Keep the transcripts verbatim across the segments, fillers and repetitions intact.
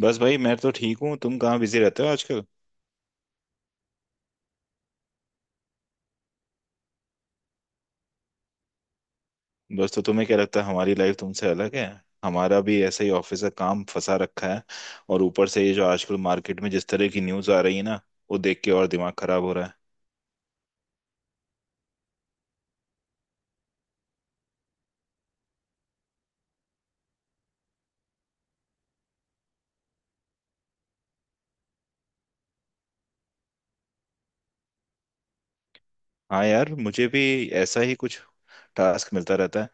बस भाई मैं तो ठीक हूँ। तुम कहाँ बिजी रहते हो आजकल? बस तो तुम्हें क्या लगता है हमारी लाइफ तुमसे अलग है? हमारा भी ऐसा ही ऑफिस का काम फंसा रखा है। और ऊपर से ये जो आजकल मार्केट में जिस तरह की न्यूज़ आ रही है ना, वो देख के और दिमाग खराब हो रहा है। हाँ यार, मुझे भी ऐसा ही कुछ टास्क मिलता रहता है।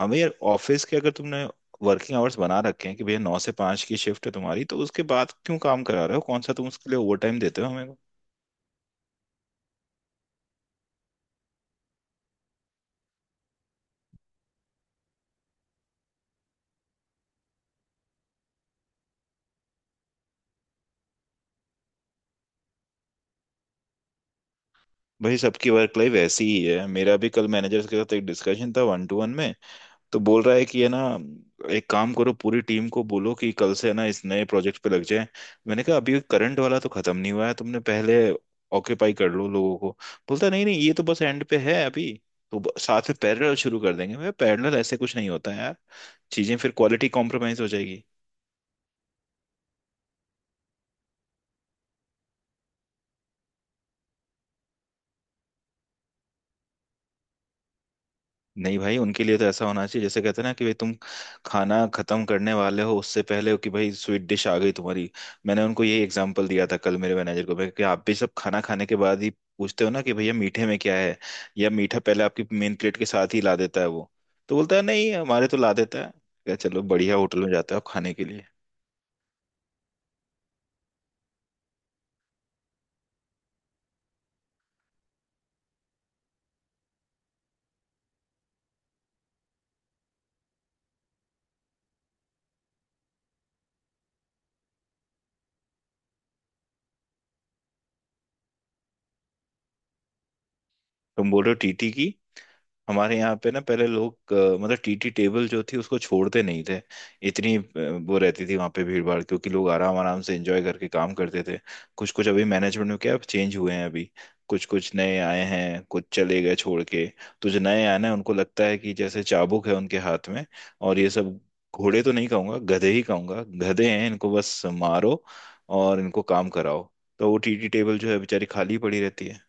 हमें यार ऑफिस के, अगर तुमने वर्किंग आवर्स बना रखे हैं कि भैया नौ से पाँच की शिफ्ट है तुम्हारी, तो उसके बाद क्यों काम करा रहे हो? कौन सा तुम उसके लिए ओवर टाइम देते हो हमें। भाई, सबकी वर्क लाइफ ऐसी ही है। मेरा भी कल मैनेजर के साथ एक डिस्कशन था वन टू वन में। तो बोल रहा है कि है ना, एक काम करो, पूरी टीम को बोलो कि कल से है ना इस नए प्रोजेक्ट पे लग जाए। मैंने कहा अभी करंट वाला तो खत्म नहीं हुआ है, तुमने पहले ऑक्यूपाई कर लो लोगों को। बोलता नहीं नहीं, ये तो बस एंड पे है अभी। तो ब- साथ में पैरेलल शुरू कर देंगे। मैं, पैरेलल ऐसे कुछ नहीं होता है यार, चीजें फिर क्वालिटी कॉम्प्रोमाइज हो जाएगी। नहीं भाई, उनके लिए तो ऐसा होना चाहिए जैसे कहते हैं ना कि भाई तुम खाना खत्म करने वाले हो उससे पहले हो कि भाई स्वीट डिश आ गई तुम्हारी। मैंने उनको ये एग्जांपल दिया था कल मेरे मैनेजर को भाई कि आप भी सब खाना खाने के बाद ही पूछते हो ना कि भैया मीठे में क्या है? या मीठा पहले आपकी मेन प्लेट के साथ ही ला देता है वो? तो बोलता है नहीं हमारे तो ला देता है। क्या, चलो बढ़िया होटल में जाता है आप खाने के लिए। तुम बोल रहे हो टीटी की? हमारे यहाँ पे ना पहले लोग अ, मतलब टीटी टेबल जो थी उसको छोड़ते नहीं थे, इतनी अ, वो रहती थी वहाँ पे भीड़ भाड़, क्योंकि लोग आराम आराम से एंजॉय करके काम करते थे। कुछ कुछ अभी मैनेजमेंट में क्या चेंज हुए हैं अभी, कुछ कुछ नए आए हैं, कुछ चले गए छोड़ के। तो जो नए आए ना उनको लगता है कि जैसे चाबुक है उनके हाथ में, और ये सब घोड़े तो नहीं कहूंगा, गधे ही कहूंगा, गधे हैं इनको बस मारो और इनको काम कराओ। तो वो टीटी टेबल जो है बेचारी खाली पड़ी रहती है।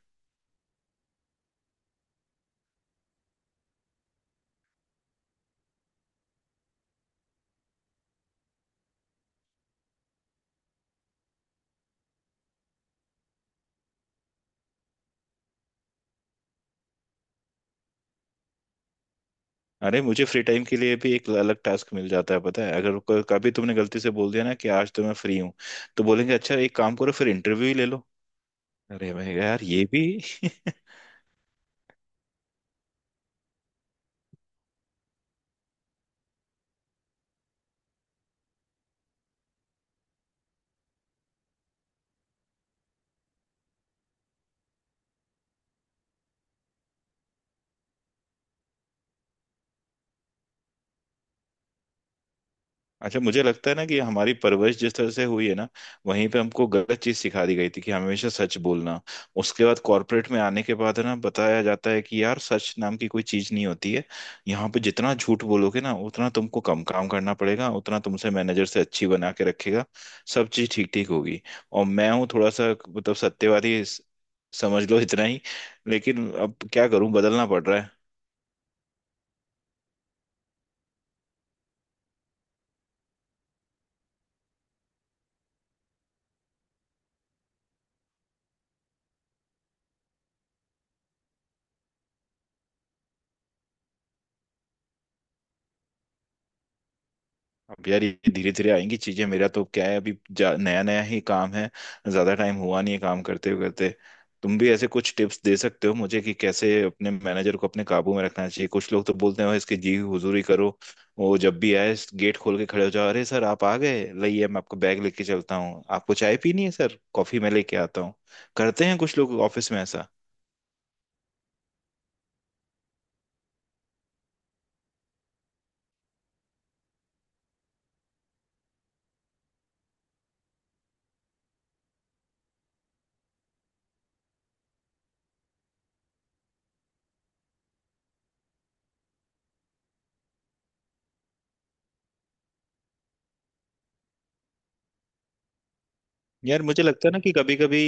अरे मुझे फ्री टाइम के लिए भी एक अलग टास्क मिल जाता है, पता है? अगर क- कभी तुमने गलती से बोल दिया ना कि आज तो मैं फ्री हूँ, तो बोलेंगे अच्छा एक काम करो, फिर इंटरव्यू ही ले लो। अरे मैं कहा, यार ये भी अच्छा मुझे लगता है ना कि हमारी परवरिश जिस तरह से हुई है ना, वहीं पे हमको गलत चीज सिखा दी गई थी कि हमेशा सच बोलना। उसके बाद कॉर्पोरेट में आने के बाद है ना बताया जाता है कि यार सच नाम की कोई चीज नहीं होती है। यहाँ पे जितना झूठ बोलोगे ना उतना तुमको कम काम करना पड़ेगा, उतना तुमसे मैनेजर से अच्छी बना के रखेगा, सब चीज ठीक ठीक होगी। और मैं हूँ थोड़ा सा मतलब सत्यवादी, समझ लो इतना ही। लेकिन अब क्या करूं, बदलना पड़ रहा है। अब यार ये धीरे धीरे आएंगी चीजें। मेरा तो क्या है, अभी जा, नया नया ही काम है, ज्यादा टाइम हुआ नहीं है काम करते करते। तुम भी ऐसे कुछ टिप्स दे सकते हो मुझे कि कैसे अपने मैनेजर को अपने काबू में रखना चाहिए? कुछ लोग तो बोलते हैं, "ओए, इसकी जी हुजूरी करो, वो जब भी आए गेट खोल के खड़े हो जाओ, अरे सर आप आ गए, लाइए मैं आपको बैग लेके चलता हूँ, आपको चाय पीनी है सर, कॉफी मैं लेके आता हूँ।" करते हैं कुछ लोग ऑफिस में ऐसा। यार मुझे लगता है ना कि कभी कभी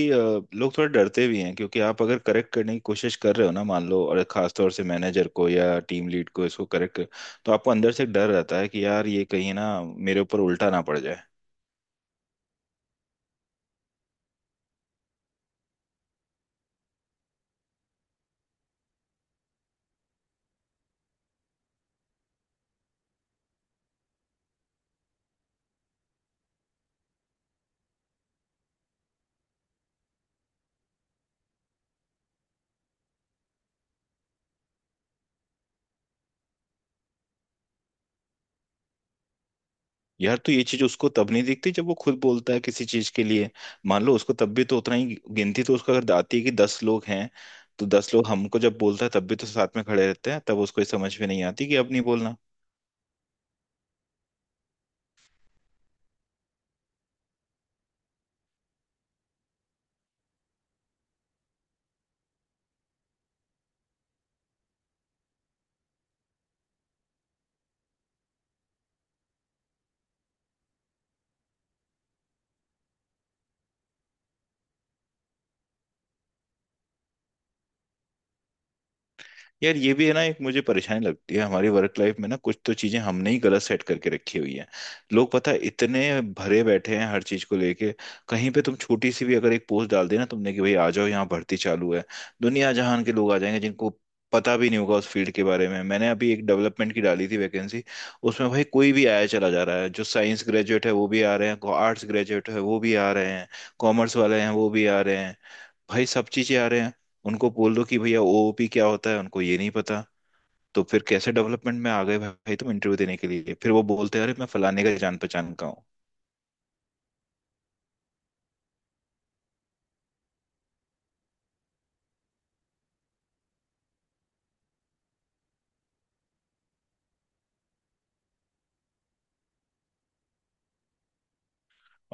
लोग थोड़ा डरते भी हैं, क्योंकि आप अगर करेक्ट करने की कोशिश कर रहे हो ना मान लो, और खास तौर से मैनेजर को या टीम लीड को इसको करेक्ट कर, तो आपको अंदर से एक डर रहता है कि यार ये कहीं ना मेरे ऊपर उल्टा ना पड़ जाए। यार, तो ये चीज उसको तब नहीं दिखती जब वो खुद बोलता है किसी चीज के लिए। मान लो उसको तब भी तो उतना ही, गिनती तो उसको अगर आती है कि दस लोग हैं, तो दस लोग हमको जब बोलता है तब भी तो साथ में खड़े रहते हैं, तब उसको ये समझ में नहीं आती कि अब नहीं बोलना। यार ये भी है ना, एक मुझे परेशानी लगती है हमारी वर्क लाइफ में ना, कुछ तो चीजें हमने ही गलत सेट करके रखी हुई हैं। लोग पता है इतने भरे बैठे हैं हर चीज को लेके, कहीं पे तुम छोटी सी भी अगर एक पोस्ट डाल देना तुमने कि भाई आ जाओ यहाँ भर्ती चालू है, दुनिया जहान के लोग आ जाएंगे जिनको पता भी नहीं होगा उस फील्ड के बारे में। मैंने अभी एक डेवलपमेंट की डाली थी वैकेंसी, उसमें भाई कोई भी आया चला जा रहा है। जो साइंस ग्रेजुएट है वो भी आ रहे हैं, आर्ट्स ग्रेजुएट है वो भी आ रहे हैं, कॉमर्स वाले हैं वो भी आ रहे हैं, भाई सब चीजें आ रहे हैं। उनको बोल दो कि भैया ओओपी क्या होता है, उनको ये नहीं पता, तो फिर कैसे डेवलपमेंट में आ गए भाई तुम इंटरव्यू देने के लिए? फिर वो बोलते हैं अरे मैं फलाने का जान पहचान का हूँ।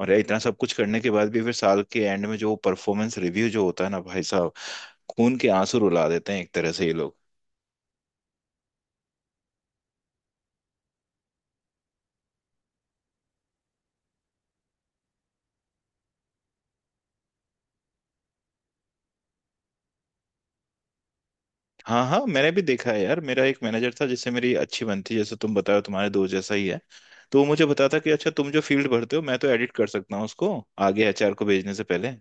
और यार इतना सब कुछ करने के बाद भी फिर साल के एंड में जो परफॉर्मेंस रिव्यू जो होता है ना भाई साहब, खून के आंसू रुला देते हैं एक तरह से ये लोग। हाँ हाँ, मैंने भी देखा है यार। मेरा एक मैनेजर था जिससे मेरी अच्छी बनती है, जैसे तुम बताओ तुम्हारे दोस्त जैसा ही है। तो वो मुझे बताता कि अच्छा तुम जो फील्ड भरते हो मैं तो एडिट कर सकता हूँ उसको आगे एचआर को भेजने से पहले,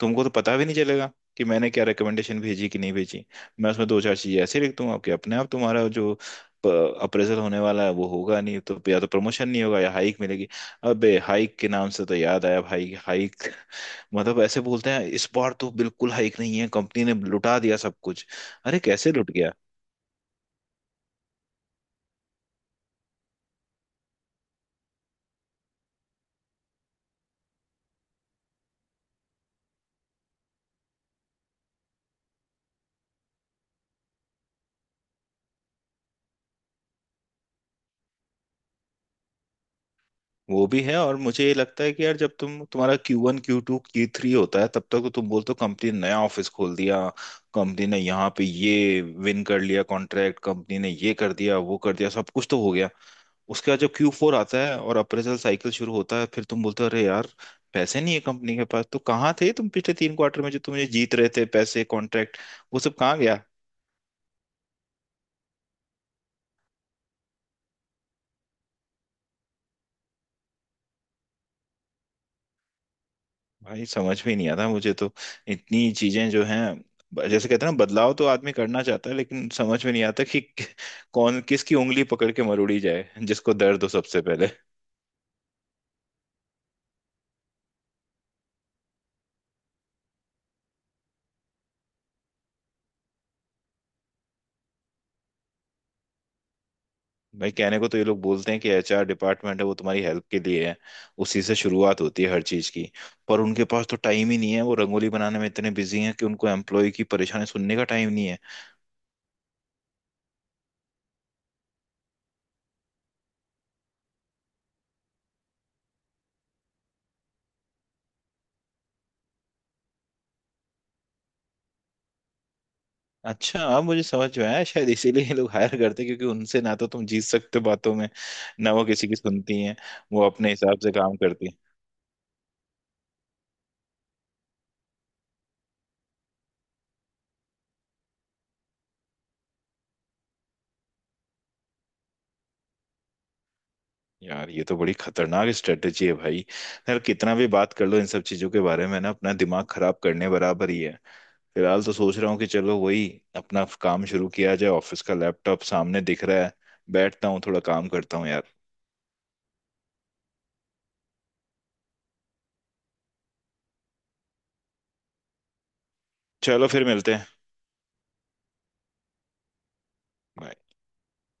तुमको तो पता भी नहीं चलेगा कि मैंने क्या रिकमेंडेशन भेजी कि नहीं भेजी। मैं उसमें दो चार चीजें ऐसे लिख दूंगा कि अपने आप तुम्हारा जो अप्रेजल होने वाला है वो होगा नहीं, तो या तो प्रमोशन नहीं होगा या हाइक मिलेगी। अबे हाइक के नाम से तो याद आया भाई, हाइक मतलब ऐसे बोलते हैं इस बार तो बिल्कुल हाइक नहीं है, कंपनी ने लुटा दिया सब कुछ। अरे कैसे लुट गया? वो भी है, और मुझे ये लगता है कि यार जब तुम तुम्हारा Q one Q two Q three होता है तब तक तो तुम बोलते हो कंपनी ने नया ऑफिस खोल दिया, कंपनी ने यहाँ पे ये विन कर लिया कॉन्ट्रैक्ट, कंपनी ने ये कर दिया वो कर दिया, सब कुछ तो हो गया। उसके बाद जब क्यू फोर आता है और अप्रेजल साइकिल शुरू होता है, फिर तुम बोलते हो अरे यार पैसे नहीं है कंपनी के पास। तो कहाँ थे तुम पिछले तीन क्वार्टर में जो तुम ये जीत रहे थे पैसे कॉन्ट्रैक्ट, वो सब कहाँ गया? भाई समझ में नहीं आता मुझे तो, इतनी चीजें जो हैं ब- जैसे कहते हैं ना बदलाव तो आदमी करना चाहता है, लेकिन समझ में नहीं आता कि कि- कौन किसकी उंगली पकड़ के मरोड़ी जाए जिसको दर्द हो सबसे पहले। भाई, कहने को तो ये लोग बोलते हैं कि एचआर डिपार्टमेंट है वो तुम्हारी हेल्प के लिए है, उसी से शुरुआत होती है हर चीज की, पर उनके पास तो टाइम ही नहीं है। वो रंगोली बनाने में इतने बिजी हैं कि उनको एम्प्लॉय की परेशानी सुनने का टाइम नहीं है। अच्छा, अब मुझे समझ में आया शायद इसीलिए ये लोग हायर करते हैं, क्योंकि उनसे ना तो तुम जीत सकते हो बातों में, ना वो किसी की सुनती हैं, वो अपने हिसाब से काम करती हैं। यार ये तो बड़ी खतरनाक स्ट्रेटेजी है भाई। यार कितना भी बात कर लो इन सब चीजों के बारे में ना, अपना दिमाग खराब करने बराबर ही है। फिलहाल तो सोच रहा हूँ कि चलो वही अपना काम शुरू किया जाए, ऑफिस का लैपटॉप सामने दिख रहा है। बैठता हूँ थोड़ा काम करता हूँ यार। चलो फिर मिलते हैं। Bye.